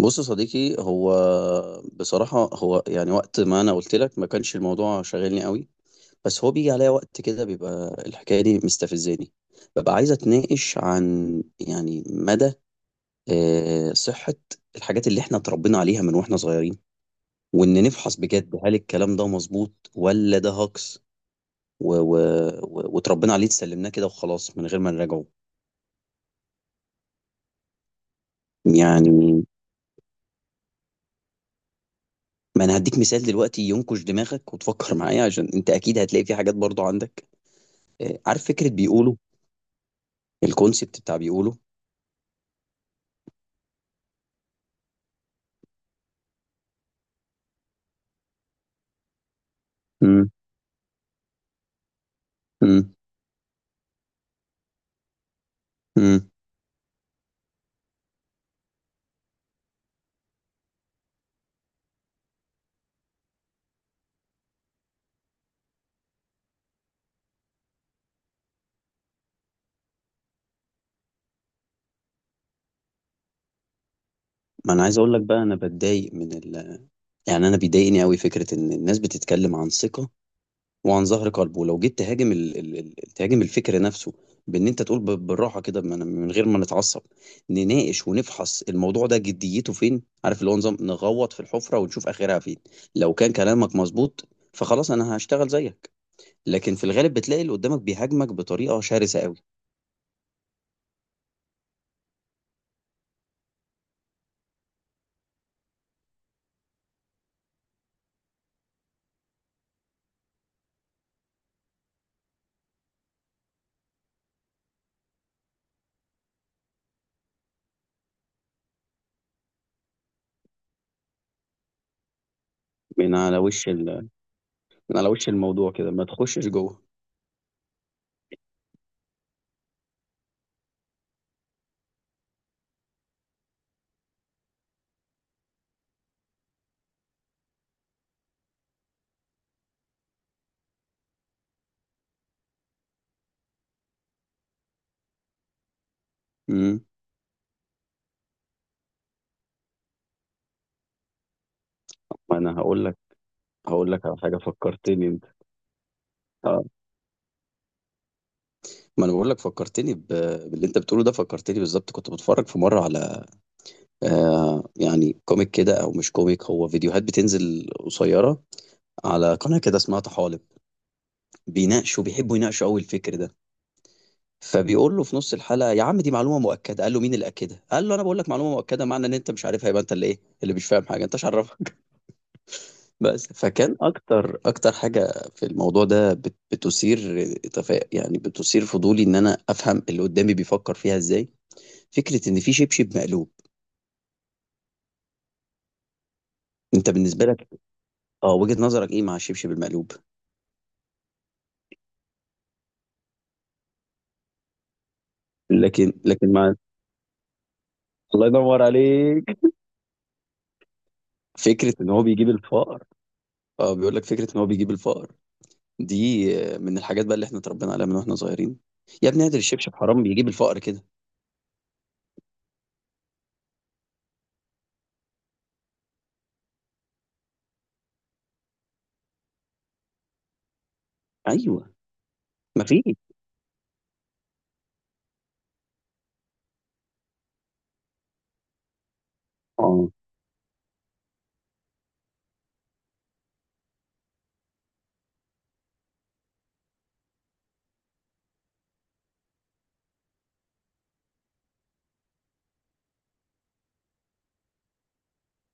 بُص يا صديقي، هو بصراحة هو يعني وقت ما أنا قُلت لك ما كانش الموضوع شاغلني أوي، بس هو بييجي عليَّ وقت كده بيبقى الحكاية دي مستفزاني، بابقى عايز أتناقش عن يعني مدى صحة الحاجات اللي إحنا اتربينا عليها من وإحنا صغيرين، وإن نفحص بجد هل الكلام ده مضبوط والّا ده هجص و و و واتربينا عليه اتسلمناه كده وخلاص من غير ما نراجعه. يعني ما أنا هادّيك مثال دلوقتي ينكش دماغك وتفكر معايا عشان أنت أكيد هتلاقي في حاجات برضه عندك. عارف فكرة بيقولوا، الكونسيبت بتاع بيقولوا. امم. امم. امم. ما انا عايز اقول لك بقى انا بتضايق من يعني انا بيضايقني قوي فكرة ان الناس بتتكلم عن ثقة وعن ظهر قلب، ولو جيت تهاجم تهاجم الفكر نفسه، بان انت تقول بالراحة كده من غير ما نتعصب نناقش ونفحص الموضوع ده جديته فين، عارف اللي هو نظام نغوط في الحفرة ونشوف اخرها فين. لو كان كلامك مظبوط فخلاص انا هشتغل زيك، لكن في الغالب بتلاقي اللي قدامك بيهاجمك بطريقة شرسة قوي. من على وش. من على وش الموضوع كده، ما تخشش جوه. امم. ما انا هقول لك، على حاجه فكرتني انت. اه، ما انا بقول لك فكرتني باللي انت بتقوله ده. فكرتني بالظبط، كنت بتفرج في مره على، آه يعني كوميك كده، او مش كوميك، هو فيديوهات بتنزل قصيره على قناه كده اسمها طحالب، بيناقشوا، بيحبوا يناقشوا قوي الفكر ده. فبيقول له في نص الحلقه: يا عم دي معلومه مؤكده. قال له: مين اللي اكدها؟ قال له: انا بقول لك معلومه مؤكده، معنى ان انت مش عارفها يبقى انت اللي ايه؟ اللي مش فاهم حاجه انت، مش عارف. بس فكان اكتر حاجه في الموضوع ده يعني بتثير فضولي ان انا افهم اللي قدامي بيفكر فيها ازاي. فكره ان في شبشب مقلوب. انت بالنسبه لك، اه، وجهه نظرك ايه مع الشبشب المقلوب؟ لكن مع. الله ينور عليك. فكره ان هو بيجيب الفقر. اه، بيقول لك فكره ان هو بيجيب الفقر دي من الحاجات بقى اللي احنا اتربينا عليها من واحنا صغيرين. يا ابني هادر الشبشب، حرام، بيجيب الفقر كده. ايوه. مفيش. اه،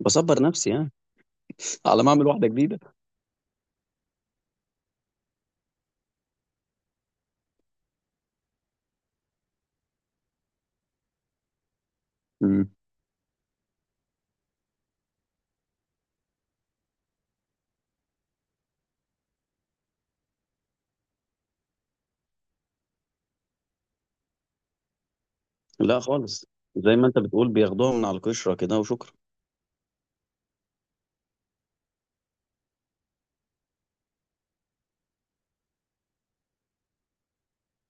بصبر نفسي يعني، على ما اعمل واحده جديده. مم. لا خالص. زي ما انت بتقول، بياخدوها من على القشرة كده وشكرا.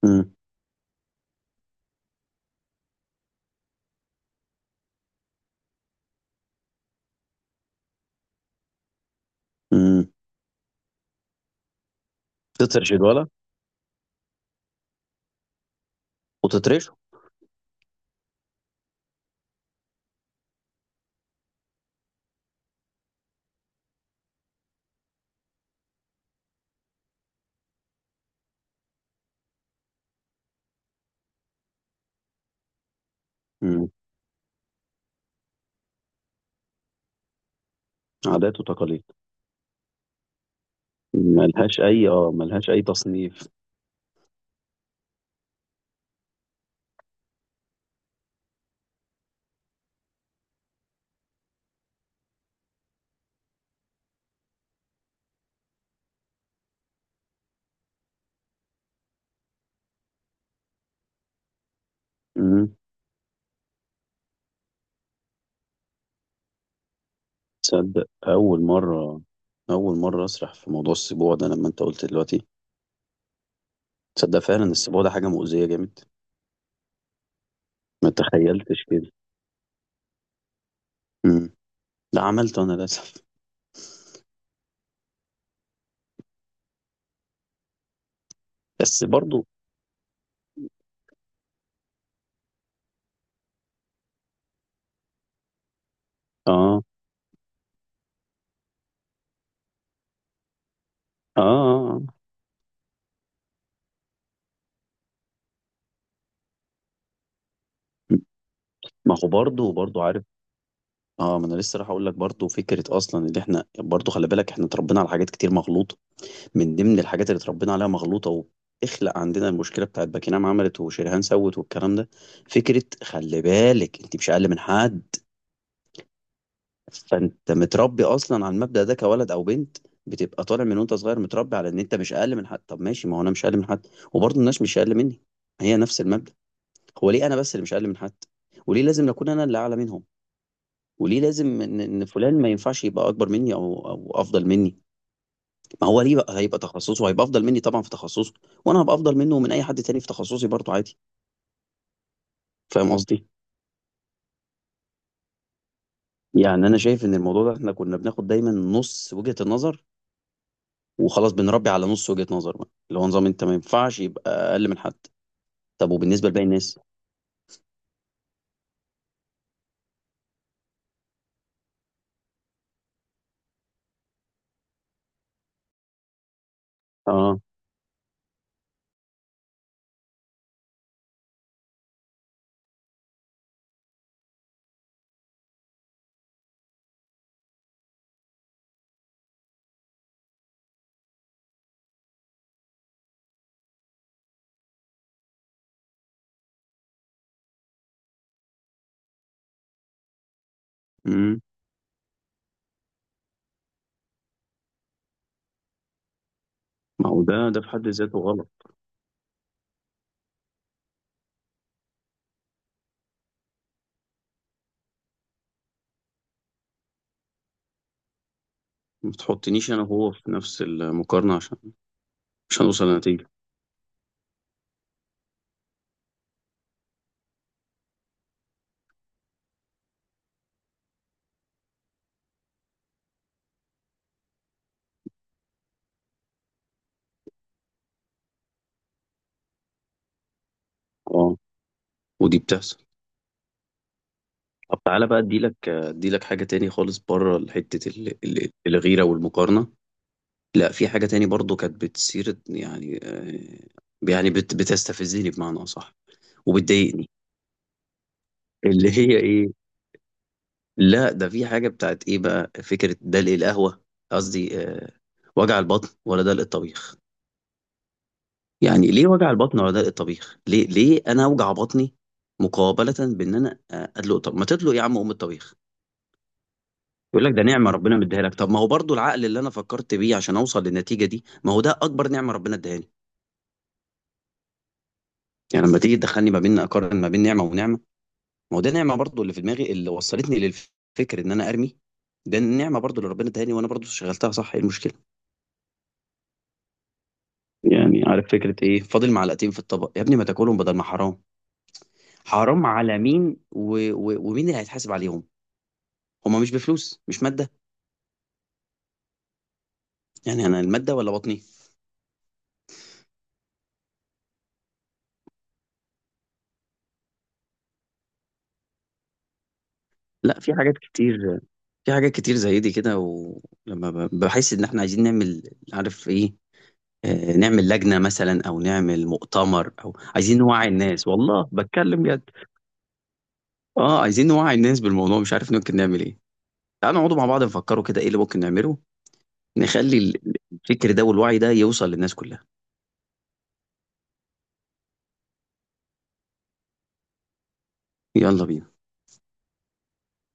مم. مم. تترش الولا، وتترشه. مم. عادات وتقاليد. ملهاش اي، اه، ملهاش اي تصنيف. مم. تصدق اول مرة اسرح في موضوع السبوع ده لما انت قلت دلوقتي. تصدق فعلا السبوع ده حاجة مؤذية جامد. ما تخيلتش كده. مم. لا، عملته انا للاسف. بس برضو. اه. اه. آه. آه. ما هو برضو، عارف. اه، ما انا لسه راح اقول لك، برضو فكره اصلا اللي احنا، برضو خلي بالك احنا اتربينا على حاجات كتير مغلوطه. من ضمن الحاجات اللي اتربينا عليها مغلوطه، وبتخلق عندنا المشكله بتاعت باكينام عملت وشريهان سوت والكلام ده، فكره، خلي بالك، انت مش اقل من حد. فانت متربي اصلا على المبدا ده، كولد او بنت، بتبقى طالع من وانت صغير متربي على ان انت مش اقل من حد. طب ماشي، ما هو انا مش اقل من حد، وبرضه الناس مش اقل مني، هي نفس المبدا. هو ليه انا بس اللي مش اقل من حد؟ وليه لازم اكون انا اللي اعلى منهم؟ وليه لازم إن فلان ما ينفعش يبقى اكبر مني او افضل مني؟ ما هو ليه بقى؟ هيبقى تخصصه، هيبقى افضل مني طبعا في تخصصه، وانا هبقى افضل منه ومن اي حد تاني في تخصصي، برضه عادي. فاهم قصدي؟ يعني انا شايف ان الموضوع ده احنا كنا بناخد دايما نص وجهة النظر، وخلاص بنربي على نص وجهة نظر بقى، اللي هو نظام انت ما ينفعش يبقى اقل من حد. طب وبالنسبة لباقي الناس؟ اه. امم. ما هو ده في حد ذاته غلط. ما تحطنيش انا وهو في نفس المقارنة، عشان مش هنوصل لنتيجة. اه. ودي بتحصل. طب تعالى بقى، اديلك، حاجة تاني خالص بره حتة الغيرة والمقارنة. لا، في حاجة تاني برضو كانت بتصير، يعني يعني بتستفزني بمعنى أصح، وبتضايقني. اللي هي ايه؟ لا، ده في حاجة بتاعت ايه بقى، فكرة دلق القهوة، قصدي وجع البطن، ولا دلق الطبيخ. يعني ليه وجع البطن ولا دلق الطبيخ؟ ليه انا اوجع بطني مقابلة بان انا ادلق؟ طب ما تدلق يا عم ام الطبيخ. يقول لك ده نعمة ربنا مديها لك. طب ما هو برضو العقل اللي انا فكرت بيه عشان اوصل للنتيجة دي، ما هو ده اكبر نعمة ربنا اديها لي. يعني لما تيجي تدخلني ما بين اقارن ما بين نعمة ونعمة، ما هو ده نعمة برضو، اللي في دماغي اللي وصلتني للفكر ان انا ارمي، ده النعمة برضو اللي ربنا اديها لي، وانا برضو شغلتها صح، ايه المشكلة؟ يعني عارف فكرة ايه؟ فاضل معلقتين في الطبق، يا ابني ما تاكلهم بدل ما حرام. حرام على مين؟ ومين اللي هيتحاسب عليهم؟ هما مش بفلوس، مش مادة. يعني انا المادة ولا بطني؟ لا، في حاجات كتير. في حاجات كتير زي دي كده، ولما بحس ان احنا عايزين نعمل، عارف ايه، نعمل لجنة مثلا، او نعمل مؤتمر، او عايزين نوعي الناس، والله بتكلم بجد. اه، عايزين نوعي الناس بالموضوع، مش عارف ممكن نعمل ايه. تعالوا نقعدوا مع بعض نفكروا كده ايه اللي ممكن نعمله، نخلي الفكر ده والوعي ده يوصل للناس كلها. يلا بينا.